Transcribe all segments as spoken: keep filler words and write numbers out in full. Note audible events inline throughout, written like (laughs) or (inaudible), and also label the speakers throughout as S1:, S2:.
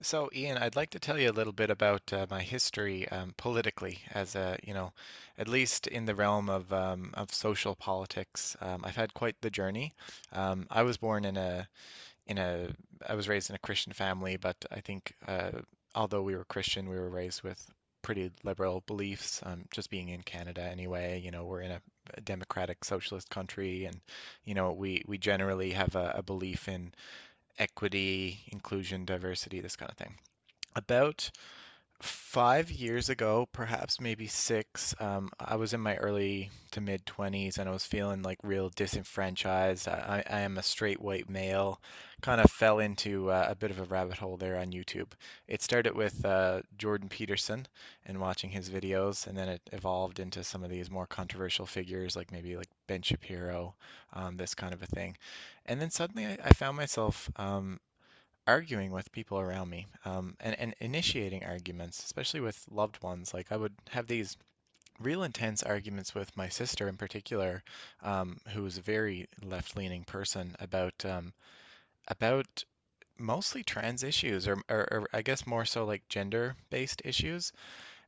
S1: So, Ian, I'd like to tell you a little bit about uh, my history, um, politically, as a, you know, at least in the realm of um, of social politics. Um, I've had quite the journey. Um, I was born in a in a I was raised in a Christian family, but I think uh, although we were Christian, we were raised with pretty liberal beliefs. Um, just being in Canada, anyway, you know, we're in a, a democratic socialist country, and you know, we we generally have a, a belief in equity, inclusion, diversity, this kind of thing. About five years ago, perhaps maybe six, um, I was in my early to mid twenties and I was feeling like real disenfranchised. I, I am a straight white male, kind of fell into uh, a bit of a rabbit hole there on YouTube. It started with uh, Jordan Peterson and watching his videos, and then it evolved into some of these more controversial figures, like maybe like Ben Shapiro, um, this kind of a thing. And then suddenly I, I found myself um, arguing with people around me um, and, and initiating arguments, especially with loved ones. Like I would have these real intense arguments with my sister in particular, um, who was a very left-leaning person about um, about mostly trans issues or, or, or I guess more so like gender-based issues.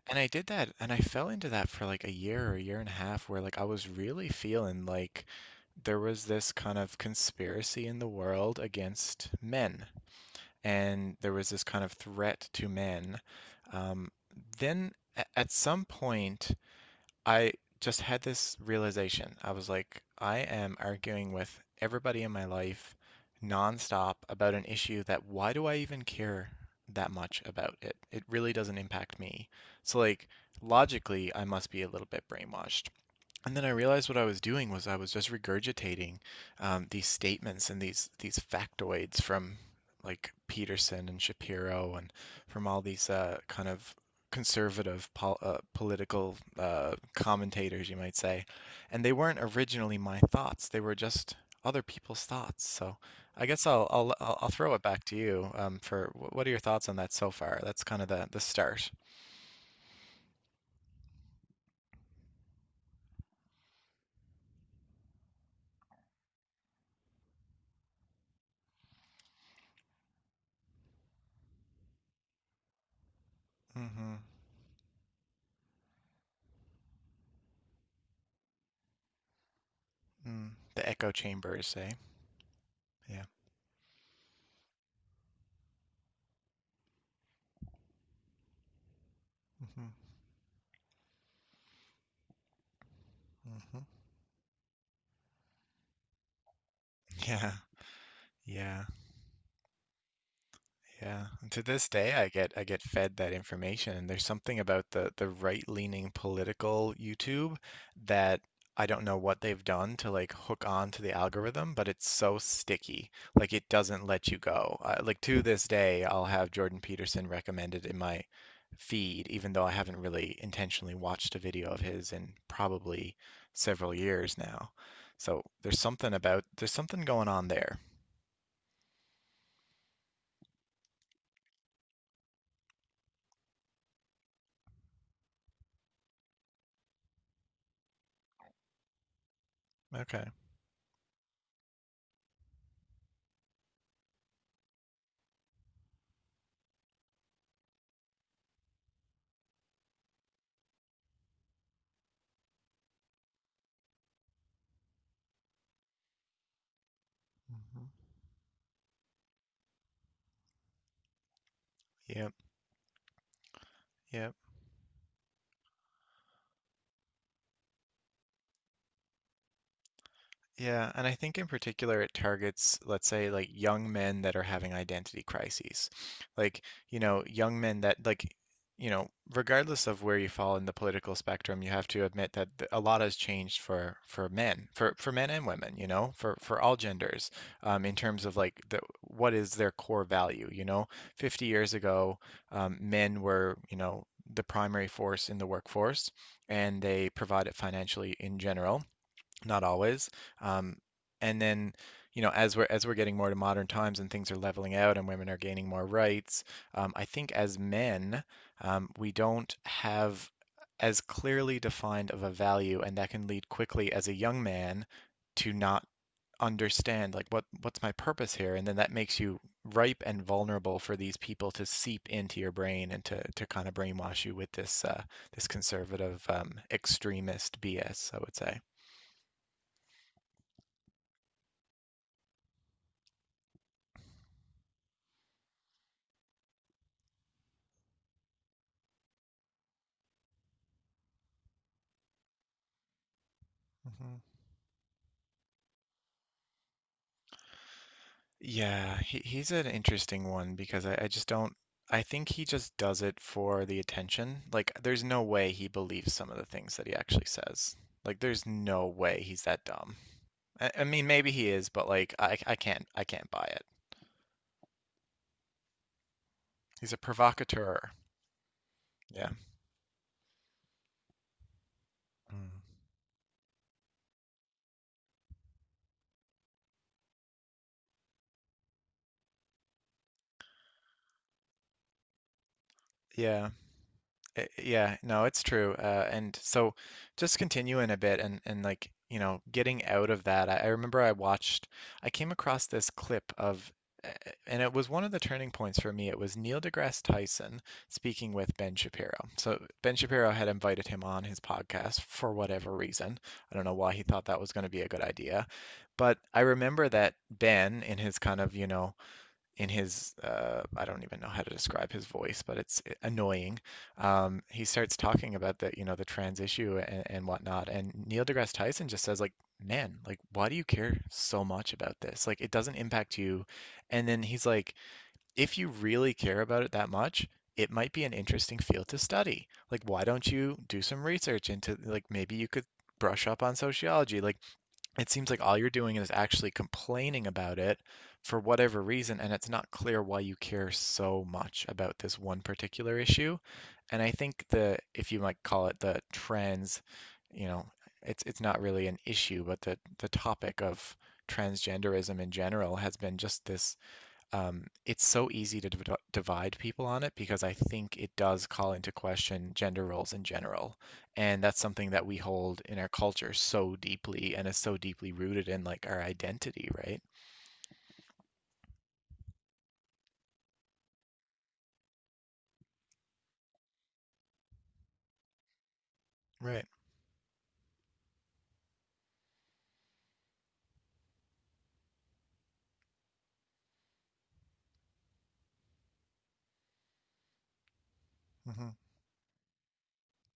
S1: And I did that and I fell into that for like a year or a year and a half where like I was really feeling like there was this kind of conspiracy in the world against men and there was this kind of threat to men. Um, then a- at some point, I just had this realization. I was like, I am arguing with everybody in my life nonstop about an issue that why do I even care that much about it? It really doesn't impact me. So like logically, I must be a little bit brainwashed. And then I realized what I was doing was I was just regurgitating um, these statements and these these factoids from like Peterson and Shapiro and from all these uh, kind of conservative pol uh, political uh, commentators, you might say. And they weren't originally my thoughts; they were just other people's thoughts. So I guess I'll I'll I'll I'll throw it back to you um, for wh- what are your thoughts on that so far? That's kind of the the start. Hmm. Mm. The echo chambers, eh? Yeah. Hmm. Hmm. Yeah, yeah, yeah. And to this day, I get I get fed that information, and there's something about the the right-leaning political YouTube that I don't know what they've done to like hook on to the algorithm, but it's so sticky. Like it doesn't let you go. Uh, like to this day, I'll have Jordan Peterson recommended in my feed, even though I haven't really intentionally watched a video of his in probably several years now. So there's something about there's something going on there. Okay. Mhm. Yep, yep. Yeah, and I think in particular it targets, let's say, like young men that are having identity crises. Like, you know, young men that, like, you know, regardless of where you fall in the political spectrum, you have to admit that th- a lot has changed for for men, for for men and women, you know, for for all genders, um, in terms of like the what is their core value, you know? fifty years ago, um, men were, you know, the primary force in the workforce, and they provided financially in general, not always. Um, and then, you know, as we're as we're getting more to modern times and things are leveling out and women are gaining more rights, um, I think as men, um, we don't have as clearly defined of a value, and that can lead quickly as a young man to not understand like what what's my purpose here, and then that makes you ripe and vulnerable for these people to seep into your brain and to to kind of brainwash you with this uh, this conservative um, extremist B S, I would say. Hmm. Yeah, he, he's an interesting one because I, I just don't. I think he just does it for the attention. Like, there's no way he believes some of the things that he actually says. Like, there's no way he's that dumb. I, I mean, maybe he is, but like, I, I can't, I can't buy it. He's a provocateur. Yeah. Mm. Yeah. I- yeah. No, it's true. Uh, and so just continuing a bit and, and like, you know, getting out of that, I, I remember I watched, I came across this clip of, uh, and it was one of the turning points for me. It was Neil deGrasse Tyson speaking with Ben Shapiro. So Ben Shapiro had invited him on his podcast for whatever reason. I don't know why he thought that was going to be a good idea. But I remember that Ben, in his kind of, you know, in his uh, I don't even know how to describe his voice, but it's eh, annoying. Um, he starts talking about the you know the trans issue and, and whatnot, and Neil deGrasse Tyson just says like, man, like why do you care so much about this? Like it doesn't impact you. And then he's like, if you really care about it that much. It might be an interesting field to study. Like, why don't you do some research into, like, maybe you could brush up on sociology. Like, it seems like all you're doing is actually complaining about it for whatever reason, and it's not clear why you care so much about this one particular issue. And I think the, if you might call it the trans, you know, it's it's not really an issue, but the the topic of transgenderism in general has been just this um, it's so easy to div- divide people on it because I think it does call into question gender roles in general. And that's something that we hold in our culture so deeply and is so deeply rooted in like our identity, right? Right. Hmm.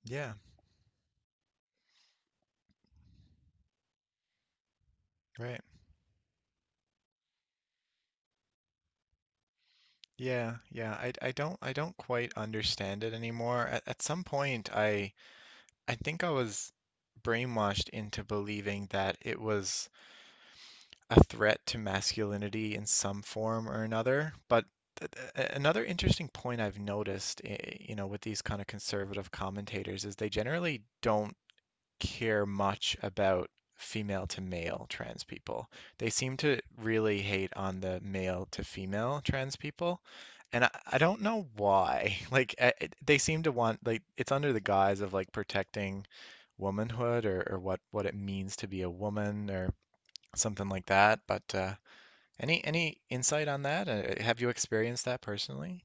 S1: Yeah, right. Yeah, yeah. I, I don't I don't quite understand it anymore. At, at some point I I think I was brainwashed into believing that it was a threat to masculinity in some form or another. But th- th- another interesting point I've noticed, eh, you know, with these kind of conservative commentators is they generally don't care much about female to male trans people. They seem to really hate on the male to female trans people. And I, I don't know why. (laughs) Like, I, I- they seem to want, like, it's under the guise of, like, protecting womanhood or, or what, what it means to be a woman or something like that. But uh, any any insight on that? Uh, have you experienced that personally?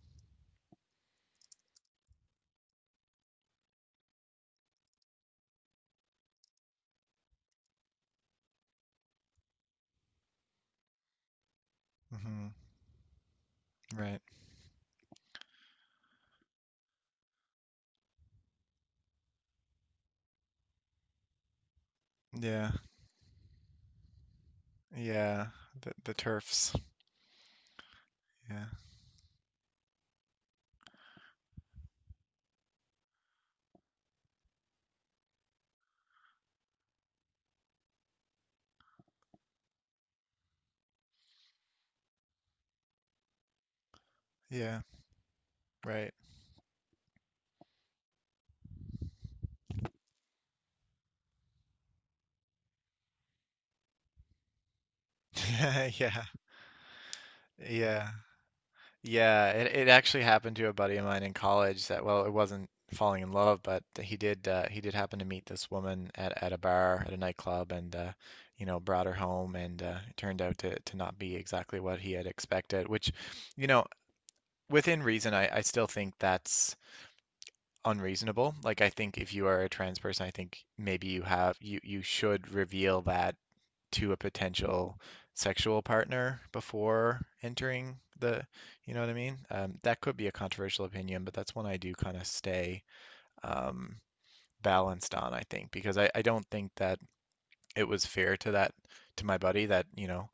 S1: Hmm. Right. Yeah. Yeah. The the turfs. Yeah. Yeah. Right. (laughs) Yeah. Yeah. Yeah. Yeah. It it actually happened to a buddy of mine in college that well, it wasn't falling in love, but he did uh, he did happen to meet this woman at at a bar at a nightclub and uh, you know brought her home and uh, it turned out to to not be exactly what he had expected, which you know within reason, I, I still think that's unreasonable. Like I think if you are a trans person, I think maybe you have you you should reveal that to a potential sexual partner before entering the, you know what I mean? Um, that could be a controversial opinion, but that's one I do kind of stay um, balanced on, I think, because I, I don't think that it was fair to that to my buddy that, you know,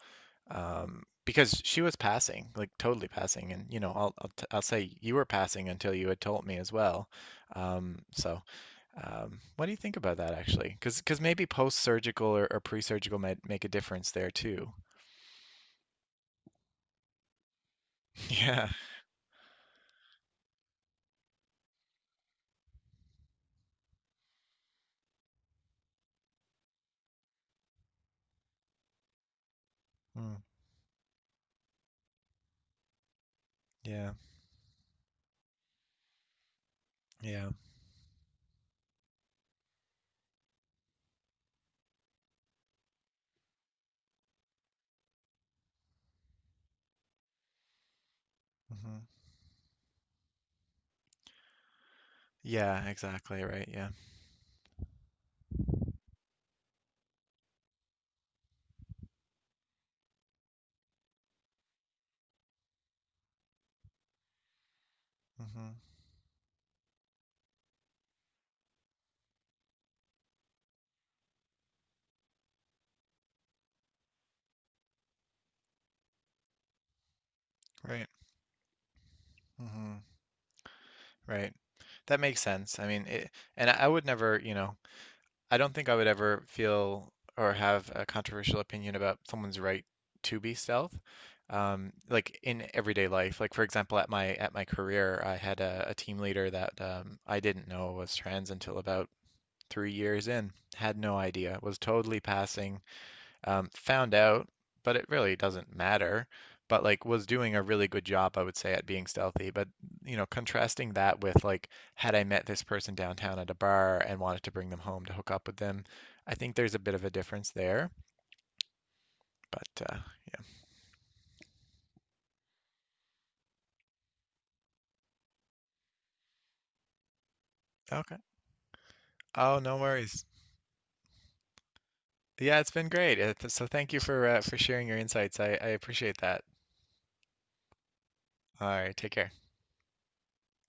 S1: um, because she was passing, like totally passing, and you know, I'll I'll, t- I'll say you were passing until you had told me as well. Um, so, um, what do you think about that actually? Because because maybe post-surgical or, or pre-surgical might make a difference there too. (laughs) Yeah. Mm, yeah. Yeah. Hmm. Yeah. Exactly. Right. Yeah. Hmm. Right. Hmm. Right. That makes sense. I mean, it, and I I would never, you know. I don't think I would ever feel or have a controversial opinion about someone's right to be stealth. Um, like in everyday life, like for example, at my at my career, I had a, a team leader that um, I didn't know was trans until about three years in. Had no idea. Was totally passing um, found out, but it really doesn't matter. But like was doing a really good job, I would say, at being stealthy. But you know, contrasting that with like had I met this person downtown at a bar and wanted to bring them home to hook up with them, I think there's a bit of a difference there. But uh, yeah, okay. Oh, no worries. Yeah, it's been great. Uh, So thank you for uh, for sharing your insights. I, I appreciate that. All right, take care.